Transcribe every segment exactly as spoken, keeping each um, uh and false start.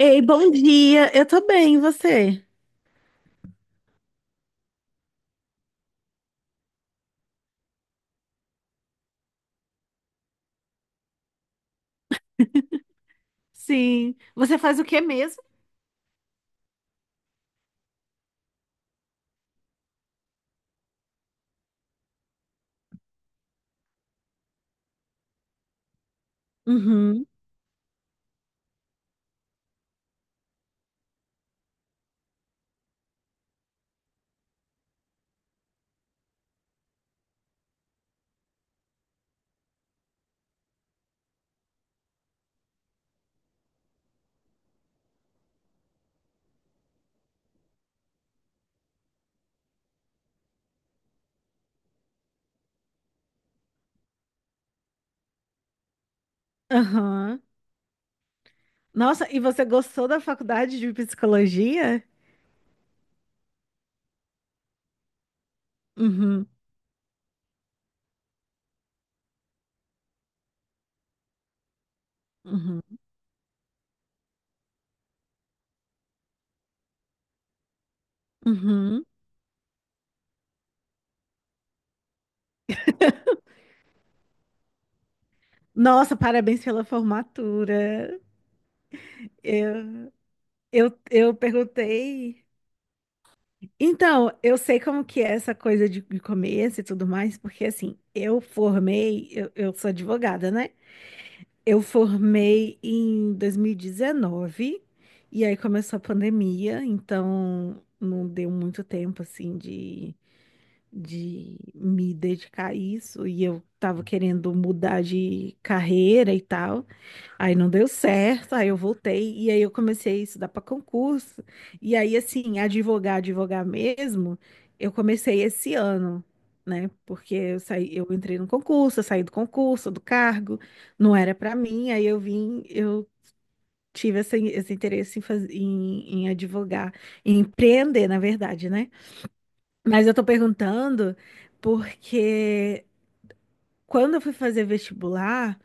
Ei, bom dia. Eu tô bem, e você? Sim. Você faz o que mesmo? Uhum, aham. Nossa, e você gostou da faculdade de psicologia? Uhum, uhum, uhum. Nossa, parabéns pela formatura. Eu, eu, eu perguntei. Então, eu sei como que é essa coisa de, de começo e tudo mais, porque assim, eu formei, eu, eu sou advogada, né? Eu formei em dois mil e dezenove e dezenove e aí começou a pandemia, então não deu muito tempo assim de, de me dedicar a isso e eu tava querendo mudar de carreira e tal. Aí não deu certo, aí eu voltei e aí eu comecei a estudar para concurso. E aí, assim, advogar, advogar mesmo, eu comecei esse ano, né? Porque eu saí, eu entrei no concurso, eu saí do concurso, do cargo, não era para mim, aí eu vim, eu tive essa- esse interesse em, faz- em, em advogar, em empreender, na verdade, né? Mas eu tô perguntando porque quando eu fui fazer vestibular,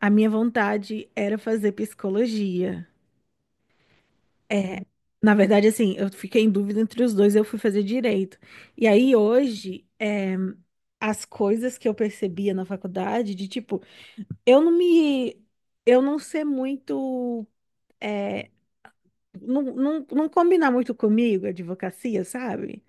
a minha vontade era fazer psicologia. É, na verdade, assim, eu fiquei em dúvida entre os dois, eu fui fazer direito. E aí, hoje, é, as coisas que eu percebia na faculdade, de tipo, eu não me. Eu não ser muito. É, não, não, não combinar muito comigo, a advocacia, sabe?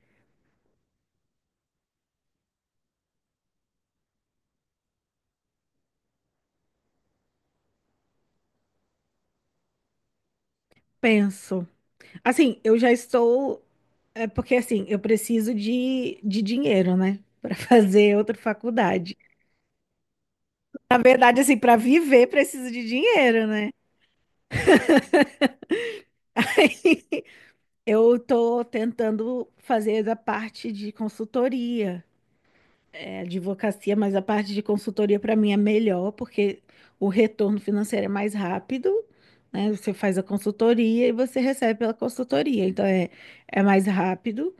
Penso. Assim, eu já estou. É porque, assim, eu preciso de, de dinheiro, né? Para fazer outra faculdade. Na verdade, assim, para viver, preciso de dinheiro, né? Eu estou tentando fazer a parte de consultoria, é, advocacia, mas a parte de consultoria para mim é melhor, porque o retorno financeiro é mais rápido, né? Você faz a consultoria e você recebe pela consultoria, então é, é mais rápido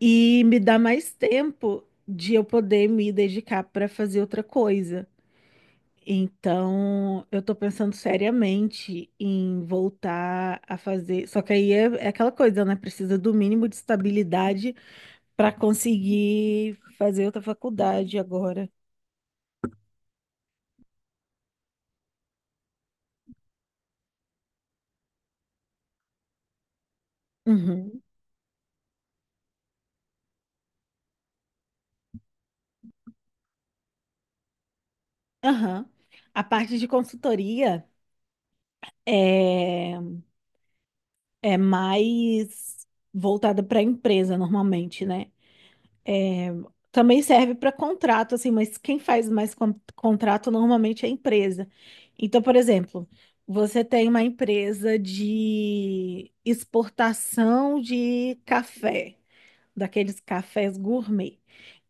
e me dá mais tempo de eu poder me dedicar para fazer outra coisa. Então, eu tô pensando seriamente em voltar a fazer. Só que aí é, é aquela coisa, né? Precisa do mínimo de estabilidade para conseguir fazer outra faculdade agora. Uhum. Aham. A parte de consultoria é, é mais voltada para a empresa, normalmente, né? É, também serve para contrato, assim, mas quem faz mais con- contrato normalmente é a empresa. Então, por exemplo, você tem uma empresa de exportação de café, daqueles cafés gourmet.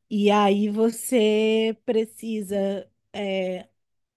E aí você precisa é,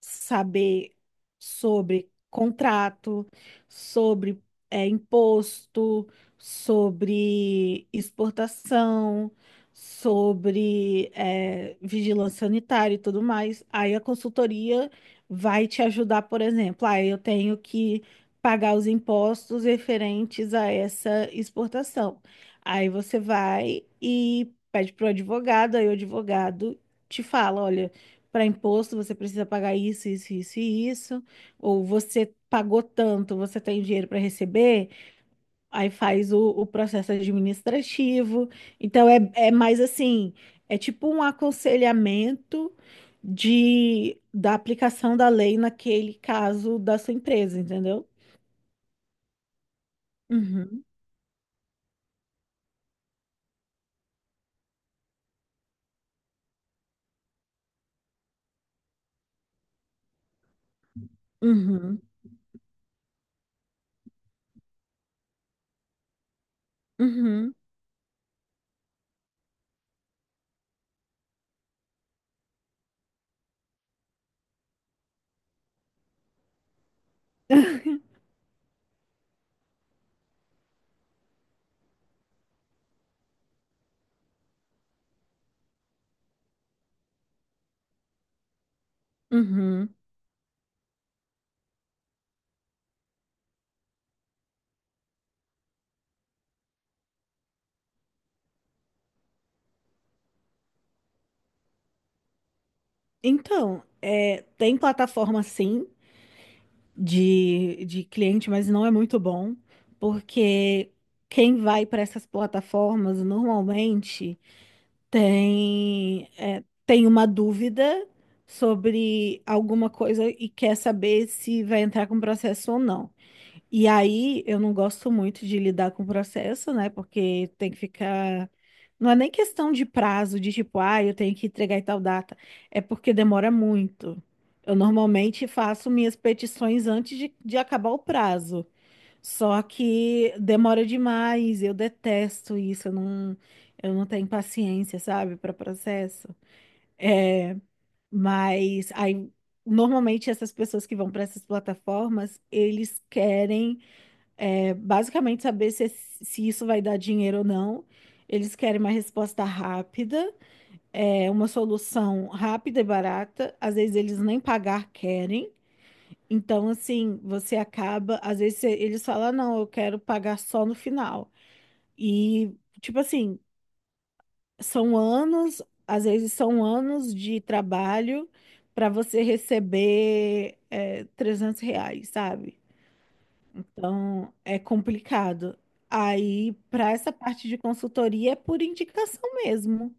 saber sobre contrato, sobre é, imposto, sobre exportação, sobre é, vigilância sanitária e tudo mais. Aí a consultoria vai te ajudar, por exemplo, ah, eu tenho que pagar os impostos referentes a essa exportação. Aí você vai e pede para o advogado, aí o advogado te fala, olha, para imposto você precisa pagar isso, isso, isso e isso, ou você pagou tanto, você tem dinheiro para receber, aí faz o, o processo administrativo. Então é, é mais assim, é tipo um aconselhamento de, da aplicação da lei naquele caso da sua empresa, entendeu? Uhum, uhum, uhum. Uhum. Então, é, tem plataforma sim, de, de cliente, mas não é muito bom, porque quem vai para essas plataformas normalmente tem, é, tem uma dúvida sobre alguma coisa e quer saber se vai entrar com processo ou não. E aí eu não gosto muito de lidar com o processo, né? Porque tem que ficar. Não é nem questão de prazo, de tipo, ah, eu tenho que entregar em tal data. É porque demora muito. Eu normalmente faço minhas petições antes de, de acabar o prazo. Só que demora demais, eu detesto isso, eu não, eu não tenho paciência, sabe, para processo. É, mas aí, normalmente essas pessoas que vão para essas plataformas, eles querem. É basicamente saber se, se isso vai dar dinheiro ou não. Eles querem uma resposta rápida, é uma solução rápida e barata. Às vezes eles nem pagar querem. Então, assim, você acaba. Às vezes você- eles falam, "Ah, não, eu quero pagar só no final. E, tipo assim, são anos, às vezes são anos de trabalho para você receber, é, trezentos reais, sabe?" Então, é complicado. Aí, para essa parte de consultoria, é por indicação mesmo.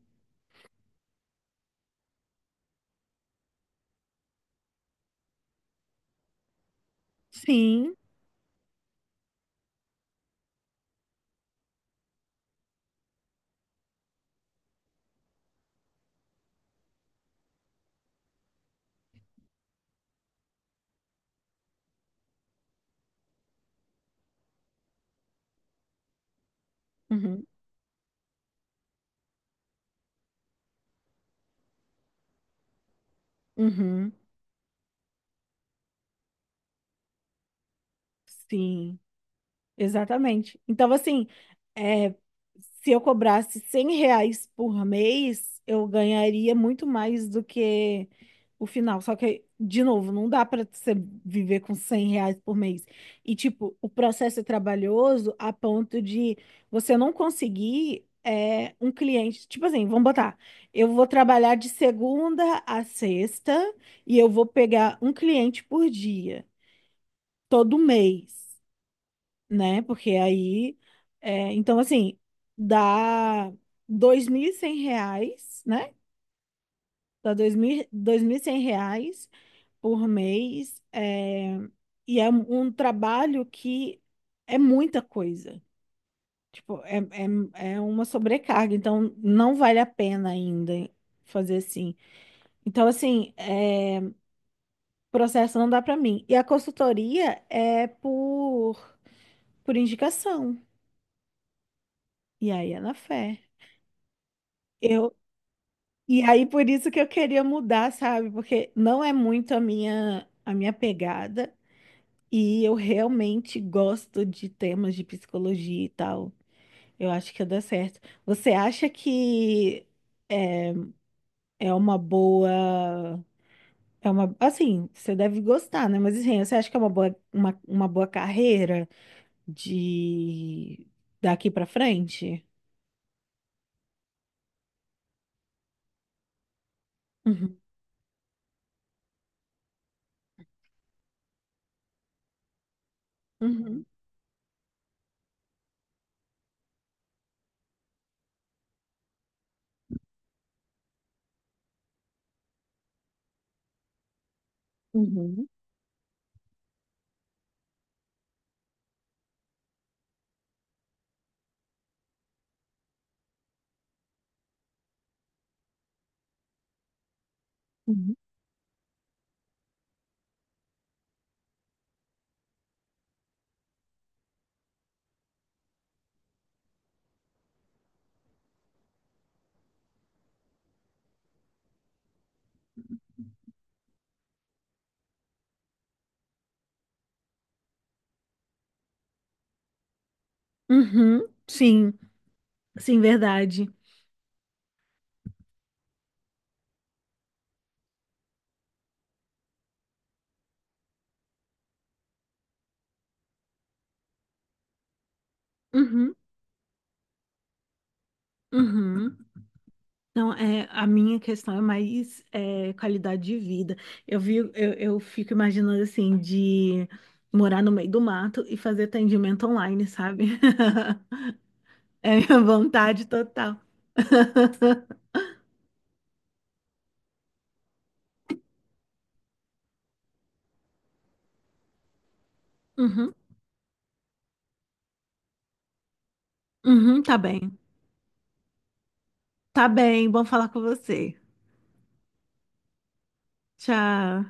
Sim. Uhum. Uhum. Sim. Exatamente. Então, assim, é, se eu cobrasse cem reais por mês, eu ganharia muito mais do que o final. Só que, de novo, não dá para você viver com cem reais por mês. E, tipo, o processo é trabalhoso a ponto de você não conseguir é, um cliente. Tipo assim, vamos botar, eu vou trabalhar de segunda a sexta e eu vou pegar um cliente por dia, todo mês, né? Porque aí, é, então assim, dá dois mil e cem reais, né? Dá dois mil e cem reais por mês, é, e é um trabalho que é muita coisa. Tipo, é, é, é uma sobrecarga, então não vale a pena ainda fazer assim. Então, assim, é, processo não dá pra mim. E a consultoria é por, por indicação. E aí é na fé. Eu, E aí por isso que eu queria mudar, sabe? Porque não é muito a minha a minha pegada e eu realmente gosto de temas de psicologia e tal. Eu acho que ia dar certo. Você acha que é uma boa é uma assim, você deve gostar, né? Mas assim, você acha que é uma boa uma, uma boa carreira de daqui pra frente? Uhum. Uhum. Uhum. Sim, sim, verdade. Uhum. Uhum. Não, é, a minha questão é mais é, qualidade de vida. Eu vi, eu, eu fico imaginando assim, de morar no meio do mato e fazer atendimento online, sabe? É a minha vontade total. Uhum, uhum, tá bem. Tá bem, bom falar com você. Tchau.